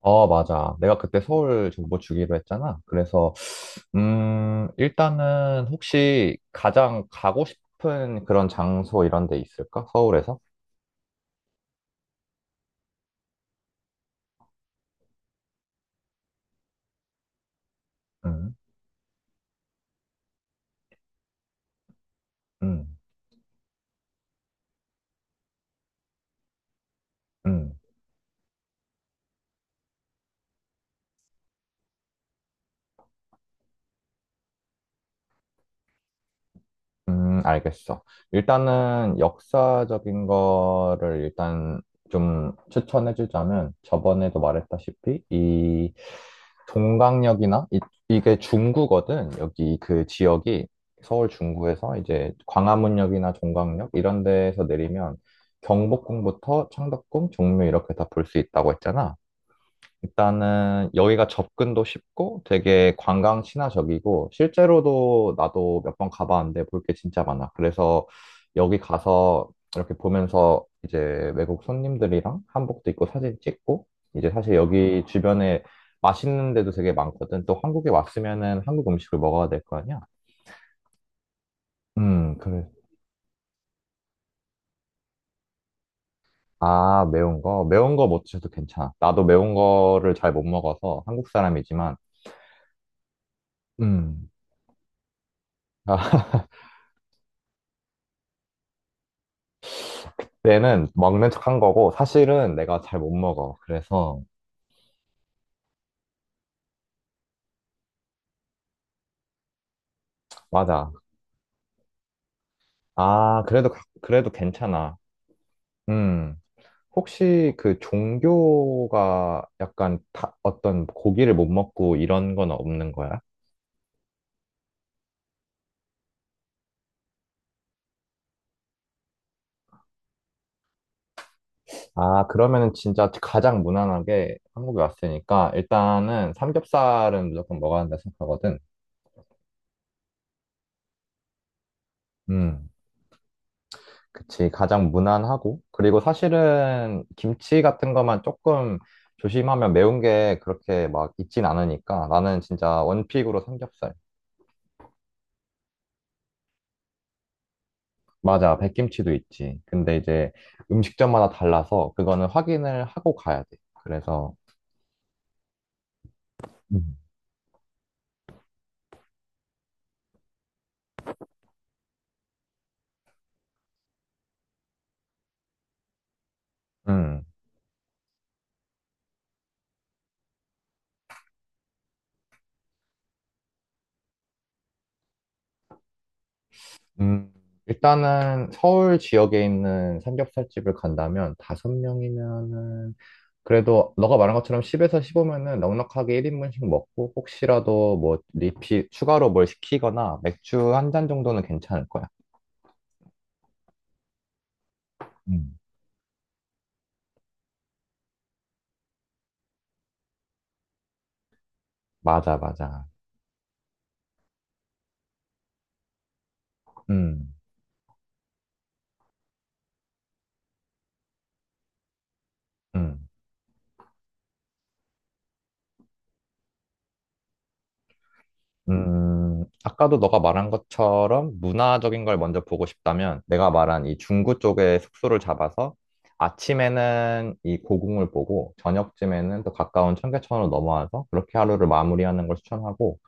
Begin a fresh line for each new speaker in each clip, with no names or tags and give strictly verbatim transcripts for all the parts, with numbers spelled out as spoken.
어, 맞아. 내가 그때 서울 정보 주기로 했잖아. 그래서, 음, 일단은 혹시 가장 가고 싶은 그런 장소 이런 데 있을까? 서울에서? 음, 음, 음. 음, 알겠어. 일단은 역사적인 거를 일단 좀 추천해주자면 저번에도 말했다시피 이 동강역이나 이, 이게 중구거든. 여기 그 지역이 서울 중구에서 이제 광화문역이나 종강역 이런 데에서 내리면 경복궁부터 창덕궁, 종묘 이렇게 다 볼 수 있다고 했잖아. 일단은 여기가 접근도 쉽고 되게 관광 친화적이고 실제로도 나도 몇 번 가봤는데 볼 게 진짜 많아. 그래서 여기 가서 이렇게 보면서 이제 외국 손님들이랑 한복도 입고 사진 찍고 이제 사실 여기 주변에 맛있는 데도 되게 많거든. 또 한국에 왔으면은 한국 음식을 먹어야 될 거 아니야? 음, 그래. 아, 매운 거. 매운 거 못 드셔도 괜찮아. 나도 매운 거를 잘 못 먹어서 한국 사람이지만 음. 아, 얘는 먹는 척한 거고 사실은 내가 잘 못 먹어. 그래서 맞아. 아, 그래도 가- 그래도 괜찮아. 음. 혹시 그 종교가 약간 다- 어떤 고기를 못 먹고 이런 건 없는 거야? 아, 그러면은 진짜 가장 무난하게 한국에 왔으니까 일단은 삼겹살은 무조건 먹어야 한다 생각하거든. 음. 그치, 가장 무난하고. 그리고 사실은 김치 같은 것만 조금 조심하면 매운 게 그렇게 막 있진 않으니까 나는 진짜 원픽으로 삼겹살. 맞아, 백김치도 있지. 근데 이제 음식점마다 달라서 그거는 확인을 하고 가야 돼. 그래서, 음, 음, 음. 일단은 서울 지역에 있는 삼겹살집을 간다면 다섯 명이면은 그래도 너가 말한 것처럼 십에서 십오면은 넉넉하게 일인분씩 먹고 혹시라도 뭐 리필 추가로 뭘 시키거나 맥주 한 잔 정도는 괜찮을 거야. 음, 맞아, 맞아. 음, 음, 음. 아까도 너가 말한 것처럼 문화적인 걸 먼저 보고 싶다면 내가 말한 이 중구 쪽에 숙소를 잡아서 아침에는 이 고궁을 보고 저녁쯤에는 또 가까운 청계천으로 넘어와서 그렇게 하루를 마무리하는 걸 추천하고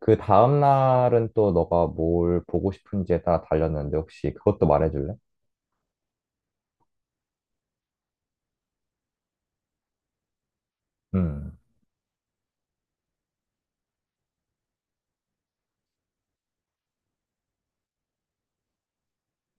그 다음 날은 또 너가 뭘 보고 싶은지에 따라 달렸는데 혹시 그것도 말해줄래? 음,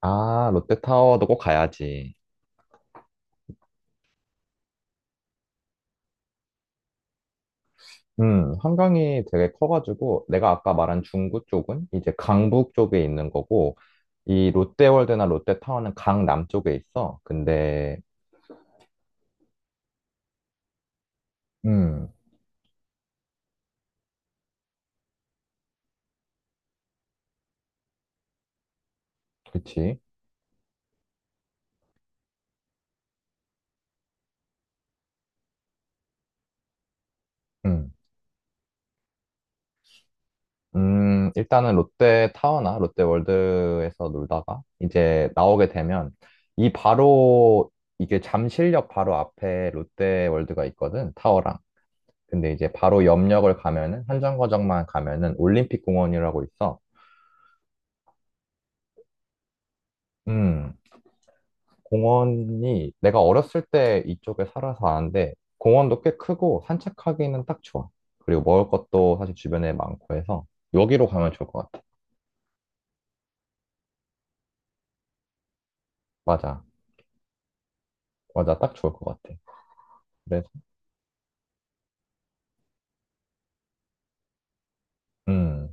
아, 롯데타워도 꼭 가야지. 음, 한강이 되게 커가지고, 내가 아까 말한 중구 쪽은 이제 강북 쪽에 있는 거고, 이 롯데월드나 롯데타워는 강남 쪽에 있어. 근데, 음, 그치. 음, 일단은 롯데 타워나 롯데 월드에서 놀다가 이제 나오게 되면 이 바로 이게 잠실역 바로 앞에 롯데 월드가 있거든, 타워랑. 근데 이제 바로 옆역을 가면은 한정거장만 가면은 올림픽공원이라고 있어. 음, 공원이 내가 어렸을 때 이쪽에 살아서 아는데 공원도 꽤 크고 산책하기는 딱 좋아. 그리고 먹을 것도 사실 주변에 많고 해서 여기로 가면 좋을 것 같아. 맞아. 맞아. 딱 좋을 것 같아. 그래서 음.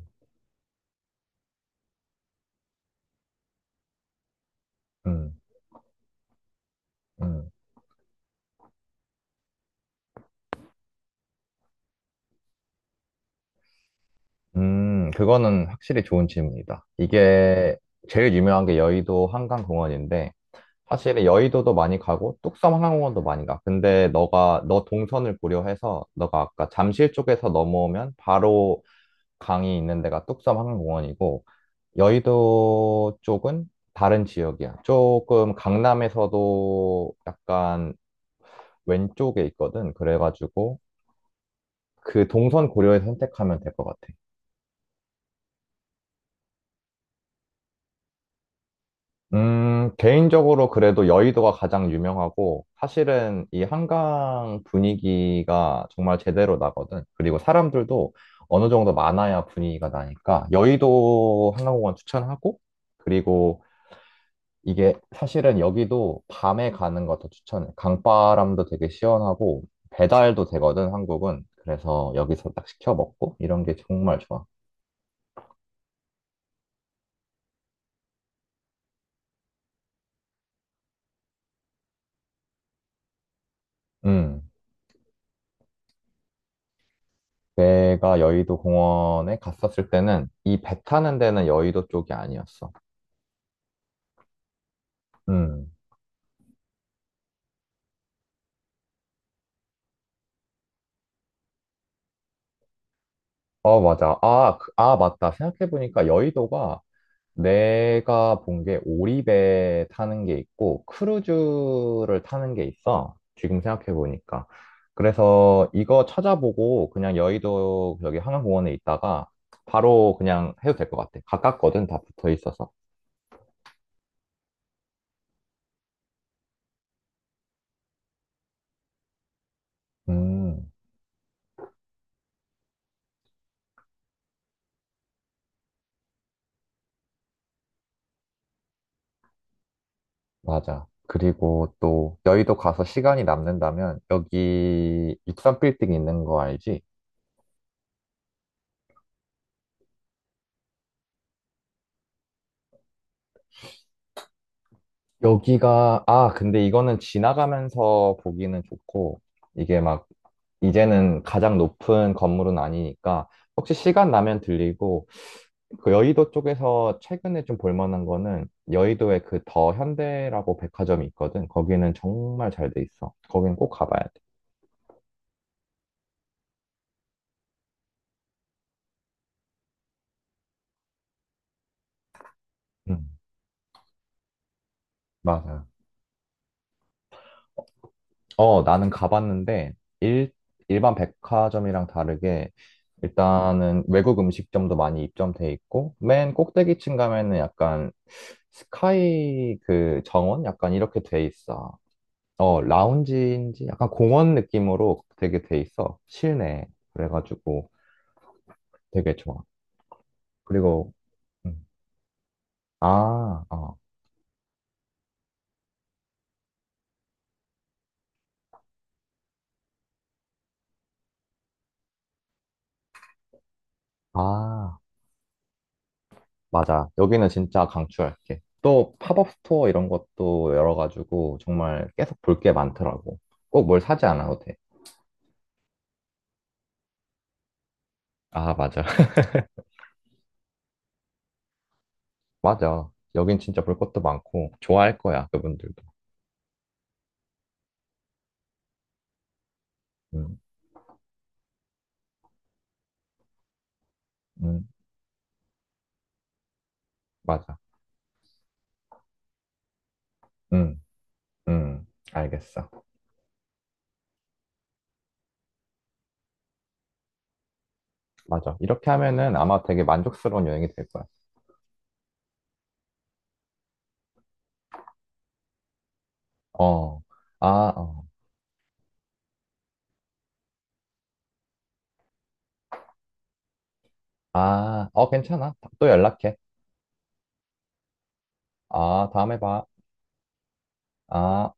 음, 음, 음, 그거는 확실히 좋은 질문이다. 이게 제일 유명한 게 여의도 한강공원인데, 사실 여의도도 많이 가고, 뚝섬 한강공원도 많이 가. 근데 너가, 너 동선을 고려해서, 너가 아까 잠실 쪽에서 넘어오면 바로 강이 있는 데가 뚝섬 한강공원이고, 여의도 쪽은 다른 지역이야. 조금 강남에서도 약간 왼쪽에 있거든. 그래가지고, 그 동선 고려해서 선택하면 될 것 같아. 음, 개인적으로 그래도 여의도가 가장 유명하고, 사실은 이 한강 분위기가 정말 제대로 나거든. 그리고 사람들도 어느 정도 많아야 분위기가 나니까, 여의도 한강공원 추천하고, 그리고 이게 사실은 여기도 밤에 가는 거 더 추천해. 강바람도 되게 시원하고, 배달도 되거든, 한국은. 그래서 여기서 딱 시켜 먹고, 이런 게 정말 좋아. 음. 내가 여의도 공원에 갔었을 때는 이 배 타는 데는 여의도 쪽이 아니었어. 음. 어, 맞아. 아, 그- 아, 맞다. 생각해보니까 여의도가 내가 본 게 오리배 타는 게 있고 크루즈를 타는 게 있어. 지금 생각해보니까. 그래서 이거 찾아보고 그냥 여의도 여기 한강공원에 있다가 바로 그냥 해도 될 것 같아. 가깝거든. 다 붙어 있어서. 음. 맞아. 그리고 또 여의도 가서 시간이 남는다면 여기 육삼 빌딩 있는 거 알지? 여기가 아 근데 이거는 지나가면서 보기는 좋고 이게 막 이제는 가장 높은 건물은 아니니까 혹시 시간 나면 들리고 그 여의도 쪽에서 최근에 좀 볼만한 거는 여의도에 그 더 현대라고 백화점이 있거든. 거기는 정말 잘 돼 있어. 거긴 꼭 가봐야 돼. 음, 맞아. 어, 나는 가봤는데, 일, 일반 백화점이랑 다르게, 일단은 외국 음식점도 많이 입점돼 있고, 맨 꼭대기층 가면은 약간 스카이 그 정원? 약간 이렇게 돼 있어. 어, 라운지인지 약간 공원 느낌으로 되게 돼 있어. 실내. 그래가지고 되게 좋아. 그리고, 음. 아, 어, 아. 맞아. 여기는 진짜 강추할게. 또 팝업 스토어 이런 것도 열어가지고 정말 계속 볼 게 많더라고. 꼭 뭘 사지 않아도 돼. 아, 맞아. 맞아. 여긴 진짜 볼 것도 많고 좋아할 거야, 그분들도. 음, 음, 맞아. 음, 음, 알겠어. 맞아. 이렇게 하면은 아마 되게 만족스러운 여행이 될 거야. 어, 아, 어, 아, 어, 괜찮아. 또 연락해. 아, 다음에 봐. 아.